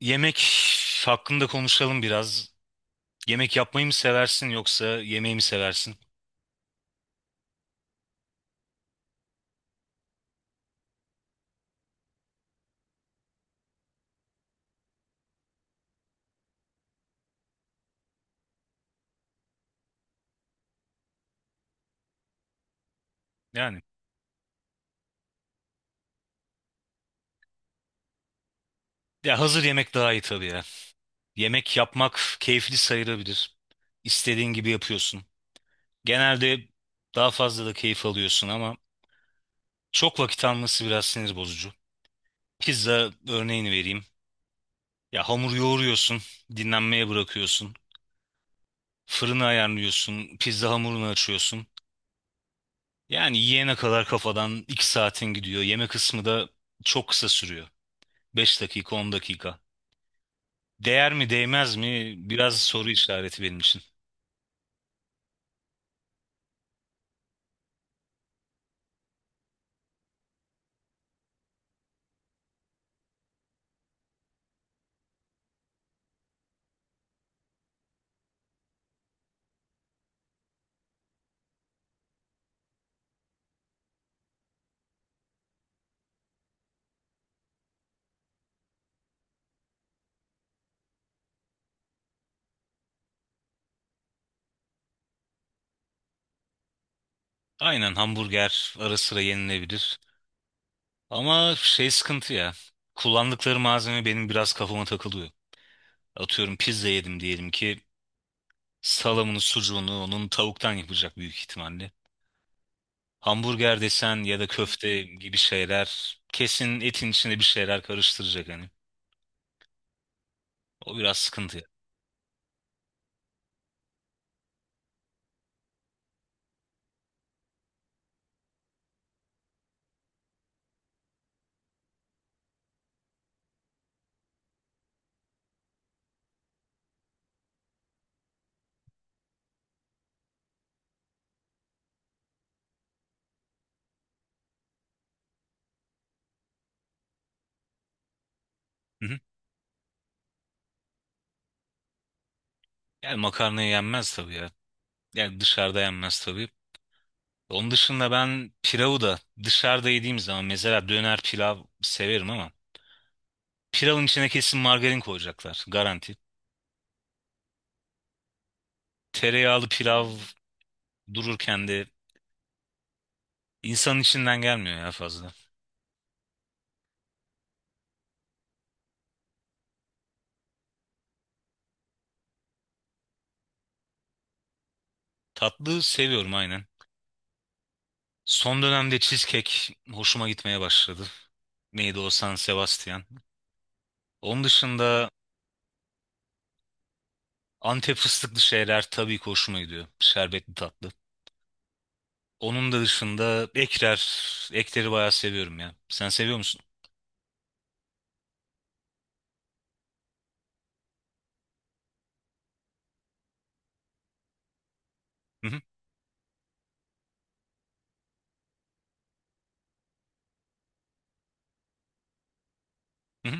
Yemek hakkında konuşalım biraz. Yemek yapmayı mı seversin yoksa yemeği mi seversin? Yani ya hazır yemek daha iyi tabii ya. Yemek yapmak keyifli sayılabilir. İstediğin gibi yapıyorsun. Genelde daha fazla da keyif alıyorsun ama çok vakit alması biraz sinir bozucu. Pizza örneğini vereyim. Ya hamur yoğuruyorsun, dinlenmeye bırakıyorsun. Fırını ayarlıyorsun, pizza hamurunu açıyorsun. Yani yiyene kadar kafadan 2 saatin gidiyor. Yeme kısmı da çok kısa sürüyor. 5 dakika, 10 dakika. Değer mi değmez mi biraz soru işareti benim için. Aynen, hamburger ara sıra yenilebilir. Ama şey sıkıntı ya. Kullandıkları malzeme benim biraz kafama takılıyor. Atıyorum pizza yedim diyelim ki, salamını sucuğunu onun tavuktan yapacak büyük ihtimalle. Hamburger desen ya da köfte gibi şeyler kesin etin içinde bir şeyler karıştıracak hani. O biraz sıkıntı ya. Hı hı. Yani makarna yenmez tabii ya. Yani dışarıda yenmez tabii. Onun dışında ben pilavı da dışarıda yediğim zaman mesela döner pilav severim ama pilavın içine kesin margarin koyacaklar garanti. Tereyağlı pilav dururken de insanın içinden gelmiyor ya fazla. Tatlı seviyorum aynen. Son dönemde cheesecake hoşuma gitmeye başladı. Neydi o, San Sebastian. Onun dışında Antep fıstıklı şeyler tabii ki hoşuma gidiyor. Şerbetli tatlı. Onun da dışında ekler, ekleri bayağı seviyorum ya. Sen seviyor musun? Hı hı. hı hı.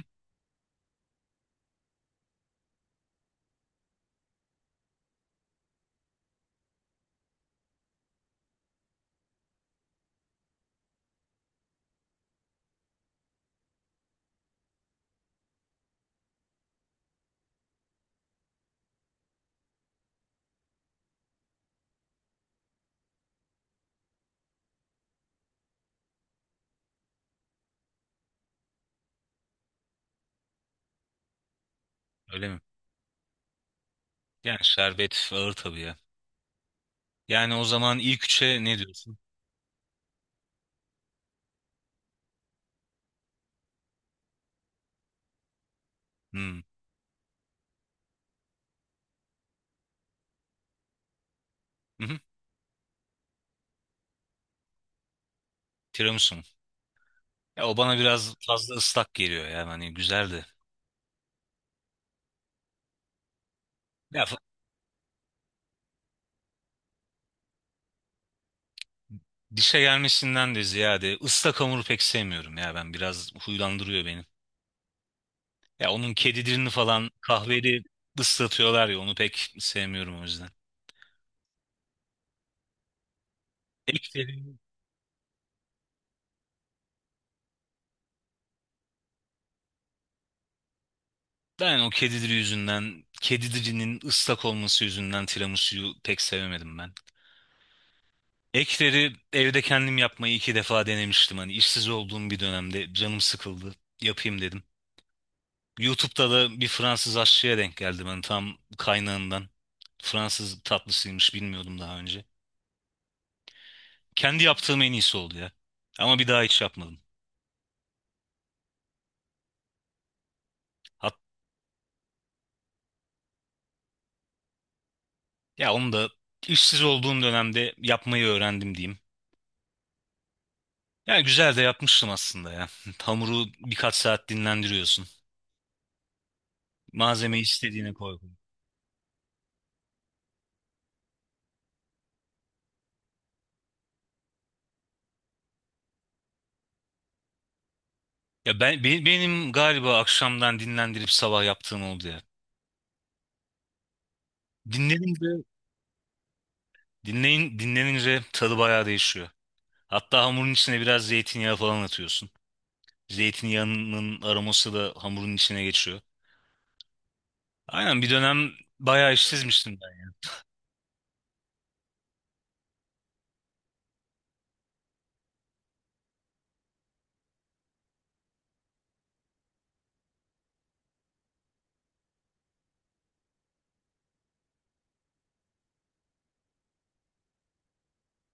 Öyle mi? Yani şerbet ağır tabii ya. Yani o zaman ilk üçe ne diyorsun? Hmm. Hı-hı. Tiramisu mu? Ya o bana biraz fazla ıslak geliyor ya. Hani güzeldi. Ya fa- Dişe gelmesinden de ziyade ıslak hamuru pek sevmiyorum ya ben. Biraz huylandırıyor beni. Ya onun kedi dilini falan kahveli ıslatıyorlar ya, onu pek sevmiyorum o yüzden. Eklerim. Ben o kedi dili yüzünden, kedi dilinin ıslak olması yüzünden tiramisu'yu pek sevemedim ben. Ekleri evde kendim yapmayı iki defa denemiştim. Hani işsiz olduğum bir dönemde canım sıkıldı. Yapayım dedim. YouTube'da da bir Fransız aşçıya denk geldim. Hani tam kaynağından. Fransız tatlısıymış, bilmiyordum daha önce. Kendi yaptığım en iyisi oldu ya. Ama bir daha hiç yapmadım. Hat ya onu da işsiz olduğum dönemde yapmayı öğrendim diyeyim. Ya güzel de yapmıştım aslında ya. Hamuru birkaç saat dinlendiriyorsun. Malzemeyi istediğine koy. Benim galiba akşamdan dinlendirip sabah yaptığım oldu ya. Dinlenince dinlenince tadı bayağı değişiyor. Hatta hamurun içine biraz zeytinyağı falan atıyorsun. Zeytinyağının aroması da hamurun içine geçiyor. Aynen, bir dönem bayağı işsizmiştim ben.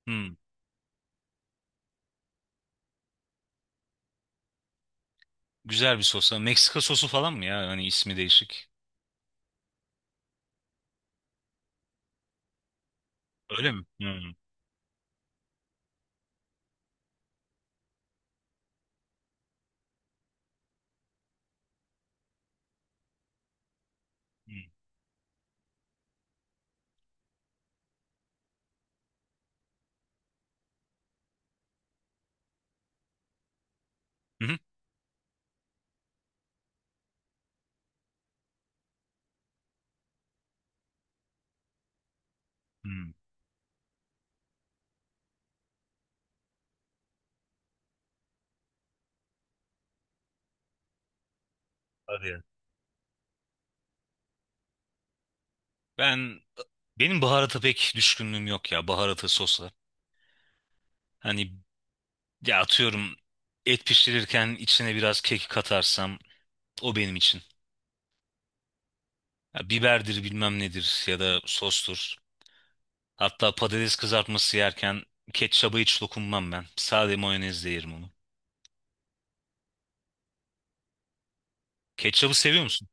Hmm, güzel bir sosa. Meksika sosu falan mı ya? Hani ismi değişik. Öyle mi? Hmm. Hmm. Hı hı. Hmm. Hadi ya. Ben benim baharata pek düşkünlüğüm yok ya, baharata sosla. Hani, ya atıyorum, et pişirirken içine biraz kek katarsam o benim için. Ya biberdir bilmem nedir ya da sostur. Hatta patates kızartması yerken ketçaba hiç dokunmam ben. Sade mayonezle yerim onu. Ketçabı seviyor musun?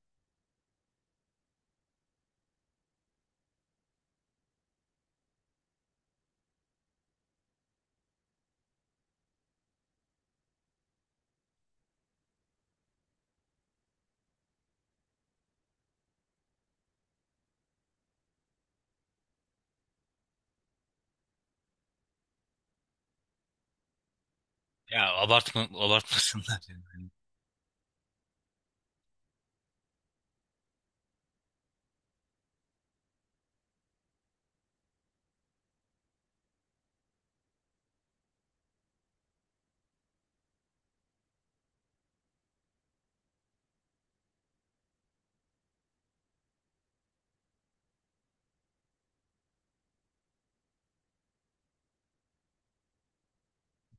Ya abartma, abartmasınlar. Yani,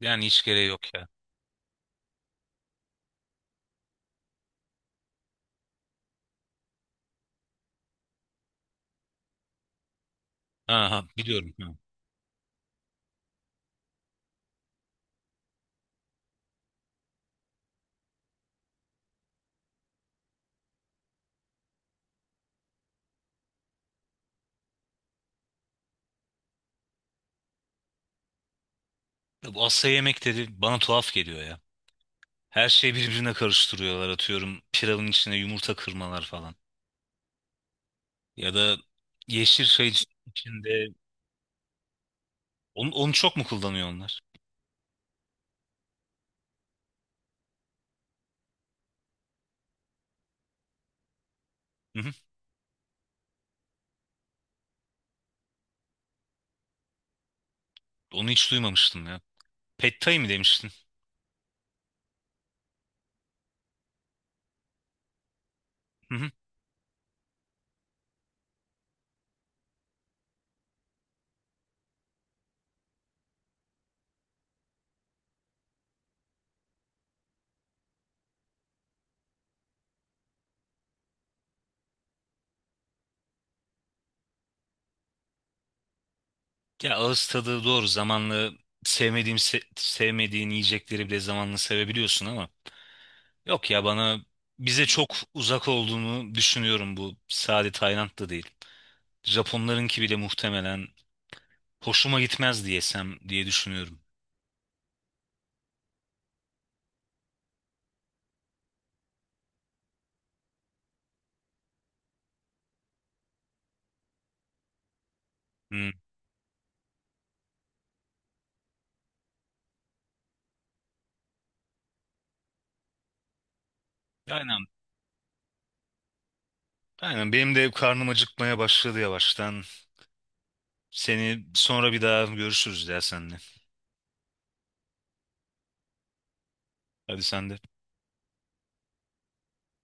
yani hiç gereği yok ya. Ha, ha biliyorum. Ha. Ya bu Asya yemekleri bana tuhaf geliyor ya. Her şeyi birbirine karıştırıyorlar, atıyorum pilavın içine yumurta kırmalar falan. Ya da yeşil çay içinde, onu çok mu kullanıyor onlar? Hı hı. Onu hiç duymamıştım ya. Pad Thai mi demiştin? Hı hı. Ya ağız tadı doğru. Zamanla sevmediğin yiyecekleri bile zamanla sevebiliyorsun ama yok ya, bana bize çok uzak olduğunu düşünüyorum, bu sade Tayland da değil. Japonlarınki bile muhtemelen hoşuma gitmez diyesem diye düşünüyorum. Hı. Aynen. Aynen benim de karnım acıkmaya başladı yavaştan. Seni sonra bir daha görüşürüz ya senle. Hadi sen de.